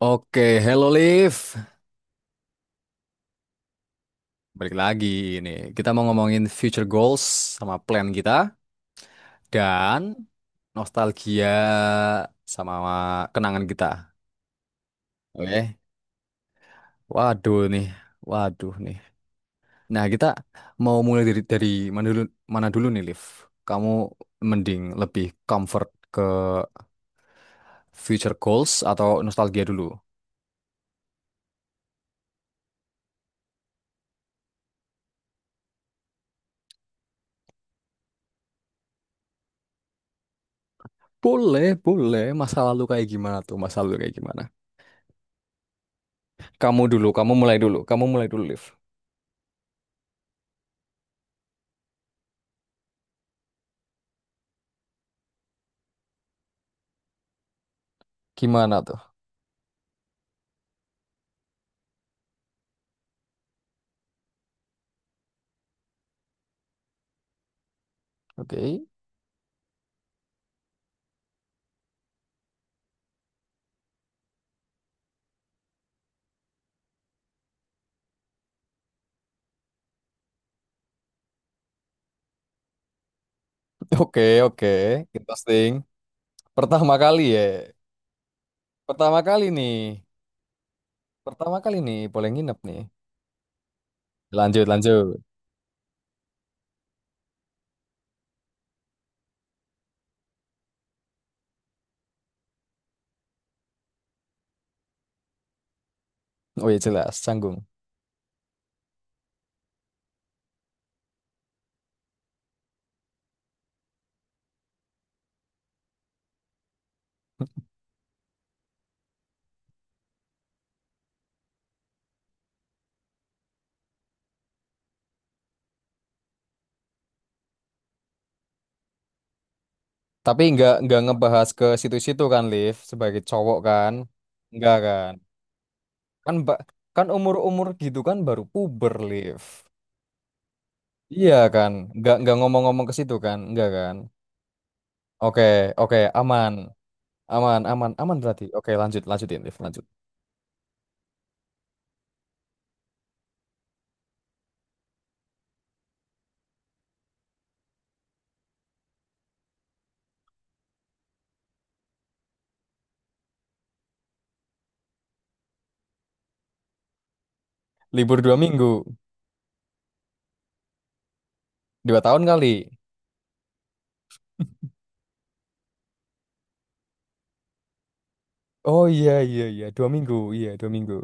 Oke, hello Liv. Balik lagi ini. Kita mau ngomongin future goals sama plan kita dan nostalgia sama kenangan kita. Oke. Waduh nih. Waduh nih. Nah, kita mau mulai dari mana dulu mana dulu nih, Liv? Kamu mending lebih comfort ke future goals atau nostalgia dulu? Boleh, boleh. Masa lalu kayak gimana tuh? Masa lalu kayak gimana? Kamu dulu, kamu mulai dulu. Kamu mulai dulu, Liv. Gimana tuh? Oke, oke, oke. Interesting. Pertama kali ya. Pertama kali nih. Pertama kali nih boleh nginep nih. Lanjut, lanjut. Oh iya jelas, canggung. Tapi nggak ngebahas ke situ-situ kan, Liv, sebagai cowok kan? Nggak kan? Kan mbak kan umur-umur gitu kan baru puber, Liv. Iya kan? Nggak ngomong-ngomong ke situ kan? Nggak kan? Oke, oke, aman. Aman, aman, aman berarti. Oke, lanjut, lanjutin, Liv, lanjut. Libur 2 minggu, 2 tahun kali. Oh iya iya iya, 2 minggu, iya 2 minggu.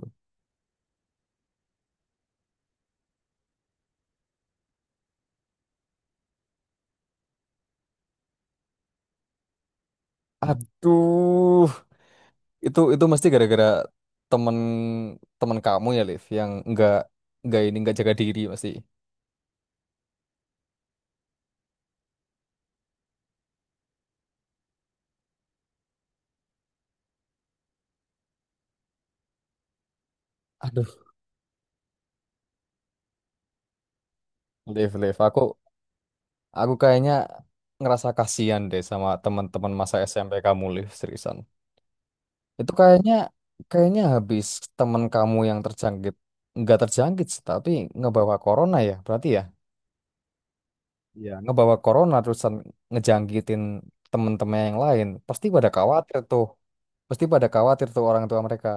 Aduh, itu mesti gara-gara temen temen kamu ya Liv, yang nggak ini nggak jaga diri pasti. Aduh, Liv Liv, aku kayaknya ngerasa kasihan deh sama teman-teman masa SMP kamu Liv, seriusan. Itu kayaknya kayaknya habis teman kamu yang terjangkit, nggak terjangkit sih, tapi ngebawa corona ya berarti ya. Ya ngebawa corona, terusan ngejangkitin temen-temen yang lain, pasti pada khawatir tuh orang tua mereka.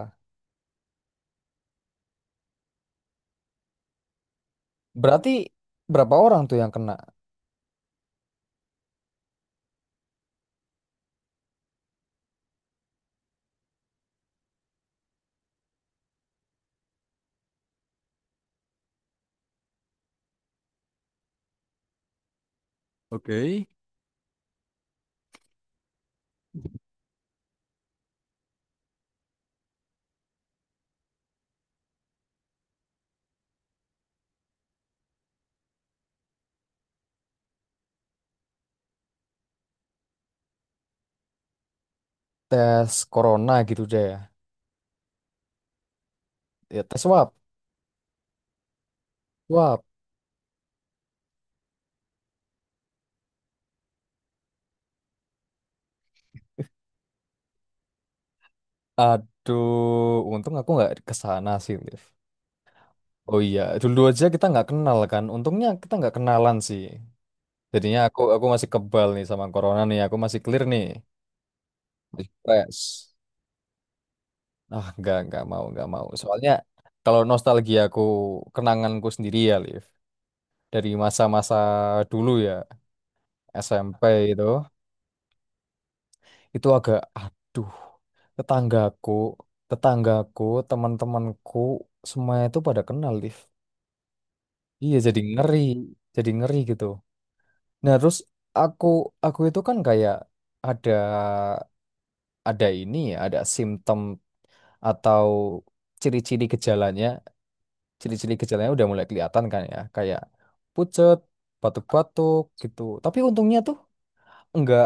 Berarti berapa orang tuh yang kena? Oke. Tes corona gitu deh. Ya, tes swab swab Aduh, untung aku nggak ke sana sih, Liv. Oh iya, dulu aja kita nggak kenal kan, untungnya kita nggak kenalan sih. Jadinya aku masih kebal nih sama corona nih. Aku masih clear nih, masih fresh. Ah, nggak mau, nggak mau. Soalnya kalau nostalgiaku, kenanganku sendiri ya, Liv. Dari masa-masa dulu ya, SMP itu, agak aduh, tetanggaku, tetanggaku, teman-temanku semuanya itu pada kenal, Liv. Iya jadi ngeri, gitu. Nah terus aku aku itu kan kayak ada ada ini ya, ada simptom atau ciri-ciri gejalanya ciri-ciri gejalanya udah mulai kelihatan kan ya, kayak pucet, batuk-batuk gitu, tapi untungnya tuh enggak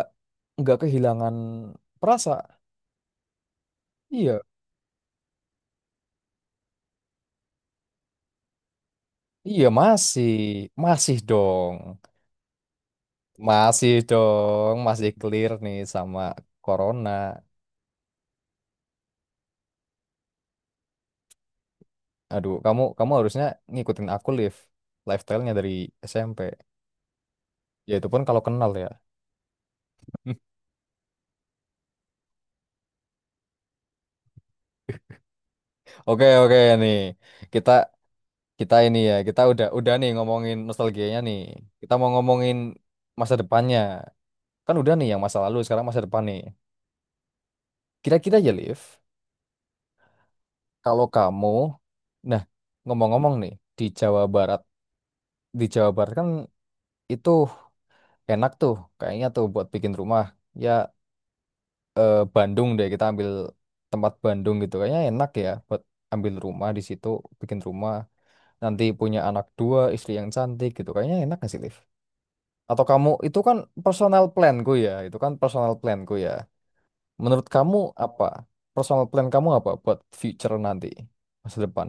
enggak kehilangan perasa. Iya iya, masih masih dong, masih dong, masih clear nih sama corona. Aduh, kamu kamu harusnya ngikutin aku, live lifestyle-nya dari SMP, ya itu pun kalau kenal ya. Oke, oke nih, kita Kita ini ya, kita udah nih ngomongin nostalgianya nih. Kita mau ngomongin masa depannya. Kan udah nih yang masa lalu, sekarang masa depan nih. Kira-kira aja, Liv, kalau kamu, nah, ngomong-ngomong nih, di Jawa Barat, di Jawa Barat kan itu enak tuh, kayaknya tuh buat bikin rumah. Ya, Bandung deh, kita ambil tempat Bandung gitu, kayaknya enak ya buat ambil rumah di situ, bikin rumah, nanti punya anak dua, istri yang cantik gitu, kayaknya enak gak sih, Liv? Atau kamu, itu kan personal planku ya, itu kan personal planku ya. Menurut kamu apa? Personal plan kamu apa buat future nanti, masa depan?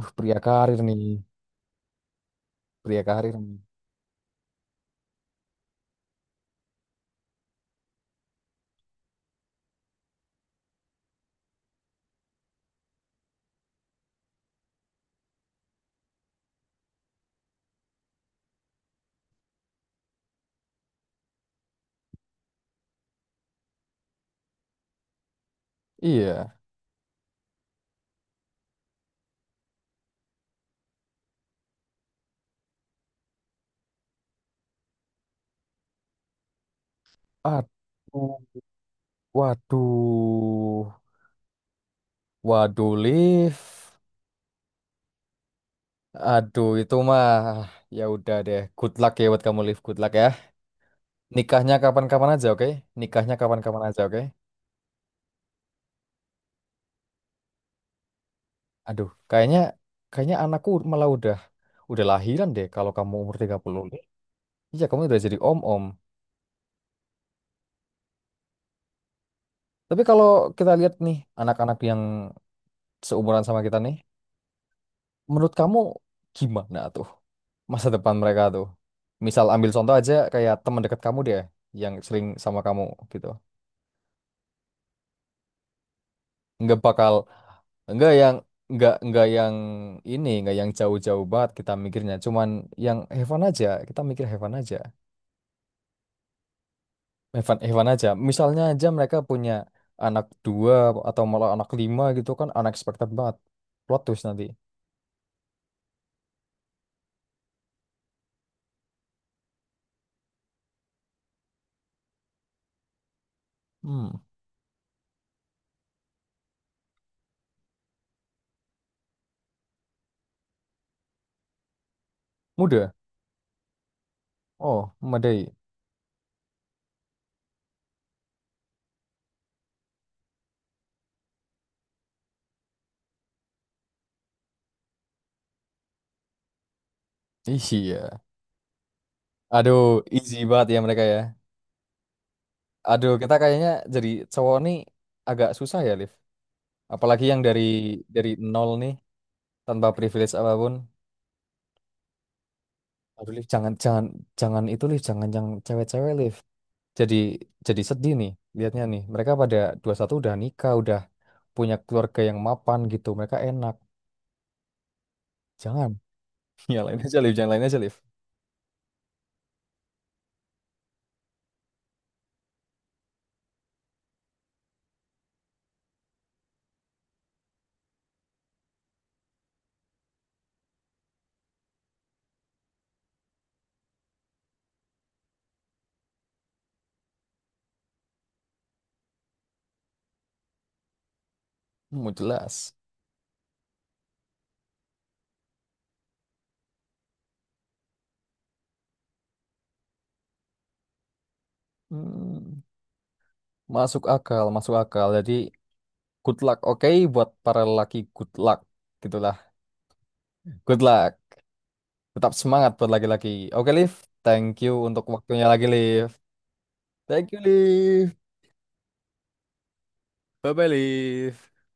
Pria karir nih, pria karir nih. Iya. Aduh, waduh, waduh, lift. Aduh, itu mah ya udah deh. Good luck ya buat kamu lift, good luck ya. Nikahnya kapan-kapan aja, oke? Nikahnya kapan-kapan aja, oke? Aduh, kayaknya kayaknya anakku malah udah lahiran deh kalau kamu umur 30. Iya, kamu udah jadi om-om. Tapi kalau kita lihat nih anak-anak yang seumuran sama kita nih, menurut kamu gimana tuh masa depan mereka tuh? Misal ambil contoh aja kayak teman dekat kamu deh, yang sering sama kamu gitu. Nggak bakal, nggak yang, nggak yang ini, nggak yang jauh-jauh banget kita mikirnya, cuman yang heaven aja, kita mikir heaven aja. Hewan, hewan aja. Misalnya aja mereka punya anak dua atau malah anak lima gitu, kan unexpected banget. Plot twist nanti. Hmm, Muda. Oh, memadai. Iya. Aduh, easy banget ya mereka ya. Aduh, kita kayaknya jadi cowok nih agak susah ya, Liv. Apalagi yang dari nol nih, tanpa privilege apapun. Aduh, Liv, jangan jangan jangan itu, Liv. Jangan yang cewek-cewek, Liv. jadi jadi sedih nih lihatnya nih, mereka pada 21 udah nikah, udah punya keluarga yang mapan gitu, mereka enak. Jangan, yang lain aja Liv, yang lain aja Liv. Mau jelas. Hmm, Masuk akal, masuk akal. Jadi good luck, oke, buat para lelaki. Good luck gitulah. Good luck, tetap semangat buat laki-laki. Oke Liv, thank you untuk waktunya lagi Liv. Thank you Liv. Bye bye Liv.